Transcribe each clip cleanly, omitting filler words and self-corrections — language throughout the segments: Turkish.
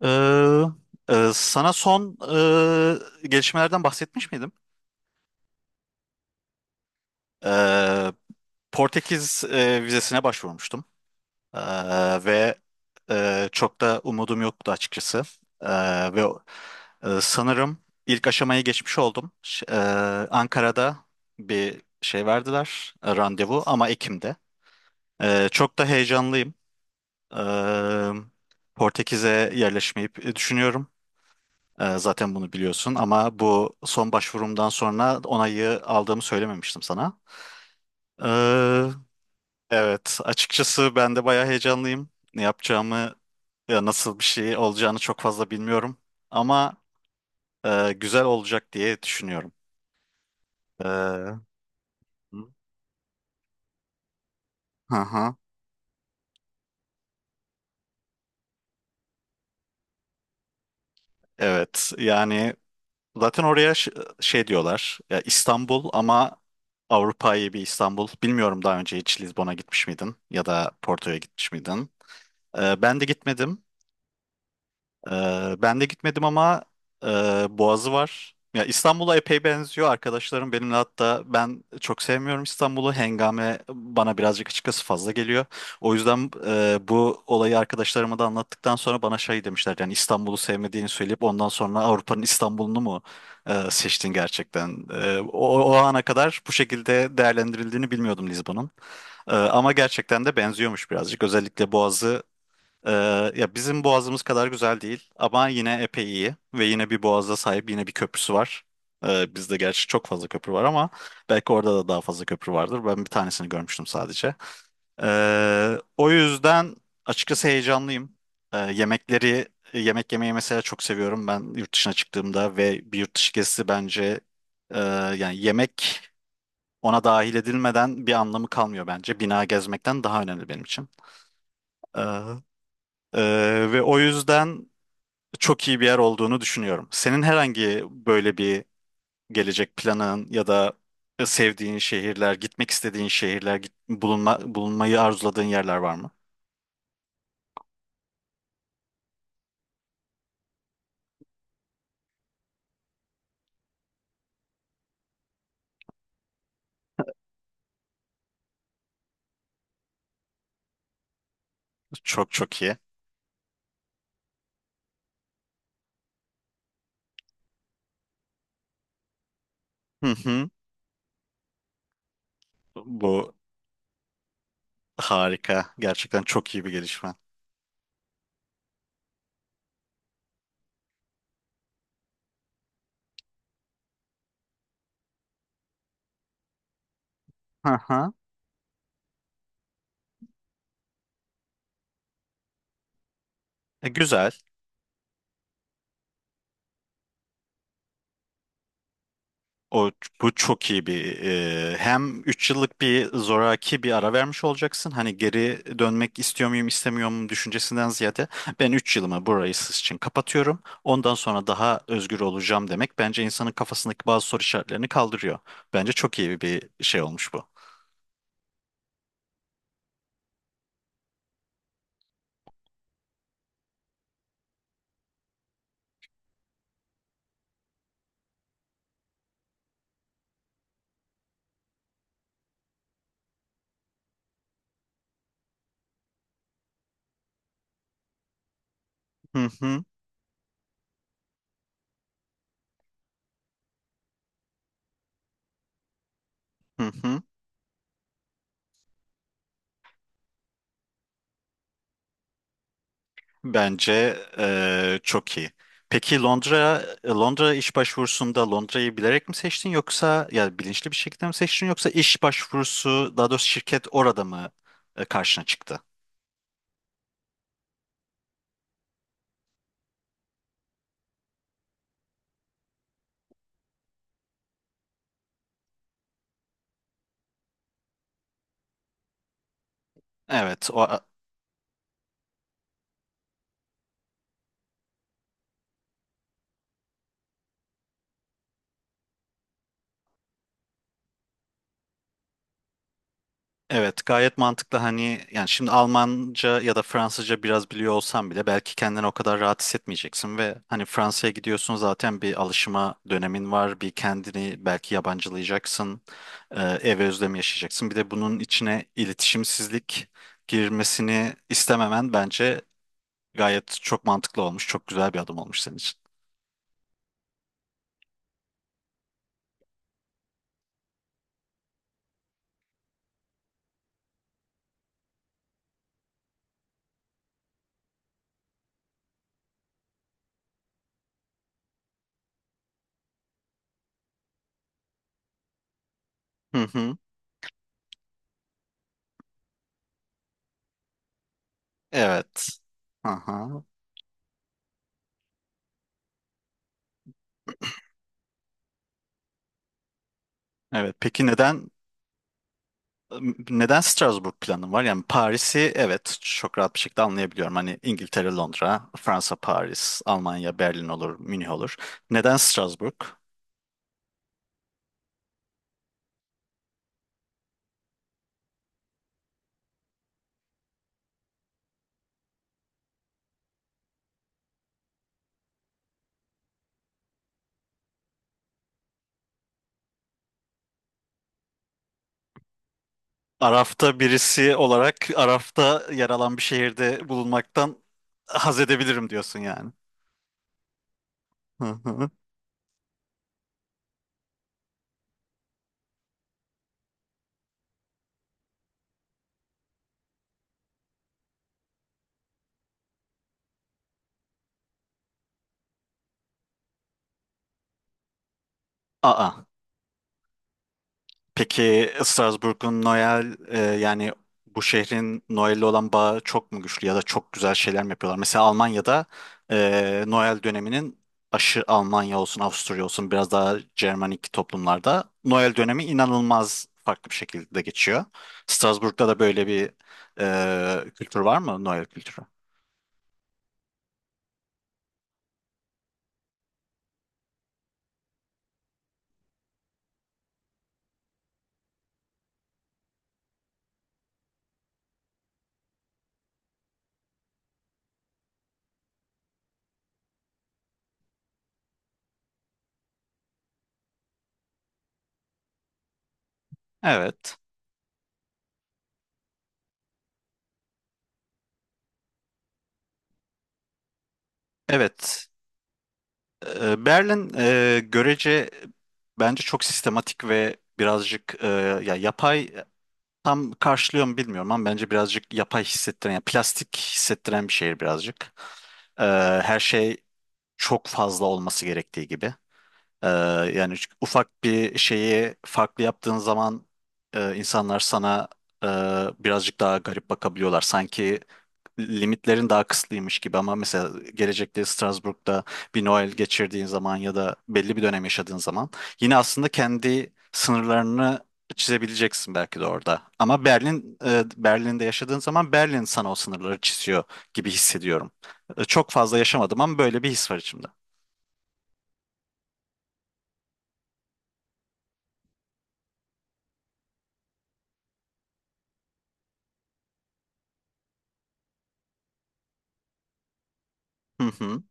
Ee, sana son gelişmelerden bahsetmiş miydim? Ee, Portekiz vizesine başvurmuştum. Ee, ve Çok da umudum yoktu açıkçası. Ee, ve Sanırım ilk aşamayı geçmiş oldum. Ankara'da bir şey verdiler, randevu ama Ekim'de. Çok da heyecanlıyım. Ee, Portekiz'e yerleşmeyi düşünüyorum. Zaten bunu biliyorsun ama bu son başvurumdan sonra onayı aldığımı söylememiştim sana. Ee, evet, açıkçası ben de bayağı heyecanlıyım. Ne yapacağımı, ya nasıl bir şey olacağını çok fazla bilmiyorum. Ama güzel olacak diye düşünüyorum. Hı hı, evet, yani zaten oraya şey diyorlar, ya İstanbul ama Avrupa'yı bir İstanbul. Bilmiyorum daha önce hiç Lizbon'a gitmiş miydin ya da Porto'ya gitmiş miydin? Ben de gitmedim. Ben de gitmedim ama e, Boğazı var. Ya İstanbul'a epey benziyor arkadaşlarım benimle hatta ben çok sevmiyorum İstanbul'u. Hengame bana birazcık açıkçası fazla geliyor. O yüzden bu olayı arkadaşlarıma da anlattıktan sonra bana şey demişler yani İstanbul'u sevmediğini söyleyip ondan sonra Avrupa'nın İstanbul'unu mu seçtin gerçekten? O ana kadar bu şekilde değerlendirildiğini bilmiyordum Lizbon'un. Ama gerçekten de benziyormuş birazcık. Özellikle Boğazı, ee, ya bizim boğazımız kadar güzel değil ama yine epey iyi ve yine bir boğaza sahip, yine bir köprüsü var. Bizde gerçi çok fazla köprü var ama belki orada da daha fazla köprü vardır. Ben bir tanesini görmüştüm sadece. O yüzden açıkçası heyecanlıyım. Yemekleri, yemek yemeyi mesela çok seviyorum. Ben yurt dışına çıktığımda ve bir yurt dışı gezisi bence e, yani yemek ona dahil edilmeden bir anlamı kalmıyor bence. Bina gezmekten daha önemli benim için. Ee, ve o yüzden çok iyi bir yer olduğunu düşünüyorum. Senin herhangi böyle bir gelecek planın ya da sevdiğin şehirler, gitmek istediğin şehirler, bulunma, bulunmayı arzuladığın yerler var mı? Çok çok iyi. Hı hı. Bu harika. Gerçekten çok iyi bir gelişme. Hı hı. Güzel. O, bu çok iyi bir hem 3 yıllık bir zoraki bir ara vermiş olacaksın. Hani geri dönmek istiyor muyum istemiyor muyum düşüncesinden ziyade ben 3 yılımı burayı siz için kapatıyorum. Ondan sonra daha özgür olacağım demek bence insanın kafasındaki bazı soru işaretlerini kaldırıyor. Bence çok iyi bir şey olmuş bu. Hı hı, hı hı. Bence çok iyi. Peki Londra, Londra iş başvurusunda Londra'yı bilerek mi seçtin yoksa ya bilinçli bir şekilde mi seçtin yoksa iş başvurusu daha doğrusu şirket orada mı karşına çıktı? Evet, o. Evet, gayet mantıklı hani yani şimdi Almanca ya da Fransızca biraz biliyor olsan bile belki kendini o kadar rahat hissetmeyeceksin ve hani Fransa'ya gidiyorsun zaten bir alışma dönemin var, bir kendini belki yabancılayacaksın, ev özlemi yaşayacaksın, bir de bunun içine iletişimsizlik girmesini istememen bence gayet çok mantıklı olmuş, çok güzel bir adım olmuş senin için. Hı hı. Evet. Aha. Evet. Peki neden, neden Strasbourg planın var? Yani Paris'i evet çok rahat bir şekilde anlayabiliyorum. Hani İngiltere, Londra, Fransa, Paris, Almanya, Berlin olur, Münih olur. Neden Strasbourg? Araf'ta birisi olarak Araf'ta yer alan bir şehirde bulunmaktan haz edebilirim diyorsun yani. Hı hı. Aa. Peki Strasbourg'un Noel, yani bu şehrin Noel'le olan bağı çok mu güçlü ya da çok güzel şeyler mi yapıyorlar? Mesela Almanya'da, Noel döneminin aşı Almanya olsun Avusturya olsun biraz daha Cermanik toplumlarda Noel dönemi inanılmaz farklı bir şekilde geçiyor. Strasbourg'da da böyle bir kültür var mı? Noel kültürü. Evet. Evet. Berlin, görece bence çok sistematik ve birazcık ya yapay. Tam karşılıyor mu bilmiyorum ama bence birazcık yapay hissettiren, yani plastik hissettiren bir şehir birazcık. Ee, Her şey çok fazla olması gerektiği gibi. Ee, Yani ufak bir şeyi farklı yaptığın zaman insanlar sana e, birazcık daha garip bakabiliyorlar. Sanki limitlerin daha kısıtlıymış gibi ama mesela gelecekte Strasbourg'da bir Noel geçirdiğin zaman ya da belli bir dönem yaşadığın zaman yine aslında kendi sınırlarını çizebileceksin belki de orada. Ama Berlin'de yaşadığın zaman Berlin sana o sınırları çiziyor gibi hissediyorum. Çok fazla yaşamadım ama böyle bir his var içimde. Hı hı.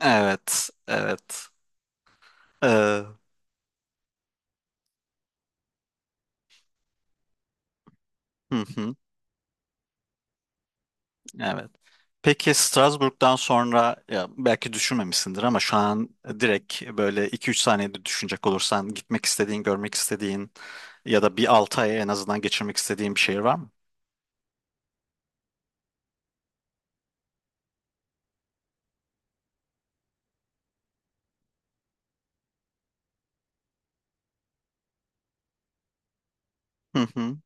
Evet, evet. Ee, hı hı. Evet. Peki Strasbourg'dan sonra, ya belki düşünmemişsindir ama şu an direkt böyle iki üç saniyede düşünecek olursan gitmek istediğin, görmek istediğin ya da bir 6 ay en azından geçirmek istediğin bir şehir var mı? Hı hı.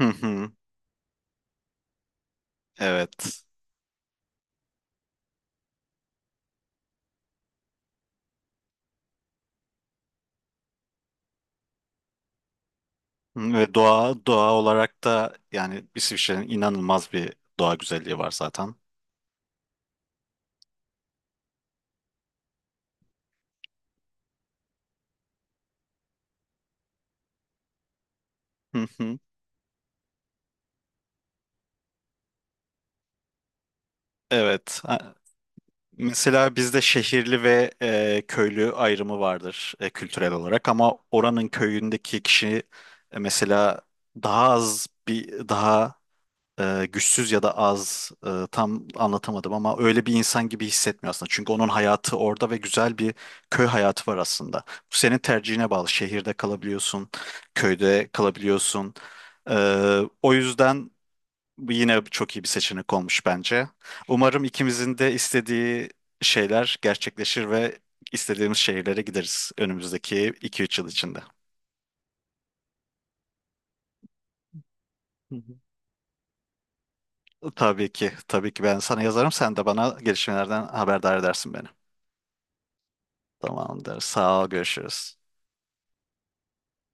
Hı hı. Evet. Ve doğa, doğa olarak da yani İsviçre'nin inanılmaz bir doğa güzelliği var zaten. Hı hı. Evet. Ha, mesela bizde şehirli ve köylü ayrımı vardır kültürel olarak ama oranın köyündeki kişi mesela daha az bir daha güçsüz ya da az, tam anlatamadım ama öyle bir insan gibi hissetmiyor aslında. Çünkü onun hayatı orada ve güzel bir köy hayatı var aslında. Bu senin tercihine bağlı. Şehirde kalabiliyorsun, köyde kalabiliyorsun. E, o yüzden. Bu yine çok iyi bir seçenek olmuş bence. Umarım ikimizin de istediği şeyler gerçekleşir ve istediğimiz şehirlere gideriz önümüzdeki iki üç yıl içinde. Hı hı. Tabii ki, tabii ki, ben sana yazarım. Sen de bana gelişmelerden haberdar edersin beni. Tamamdır. Sağ ol, görüşürüz.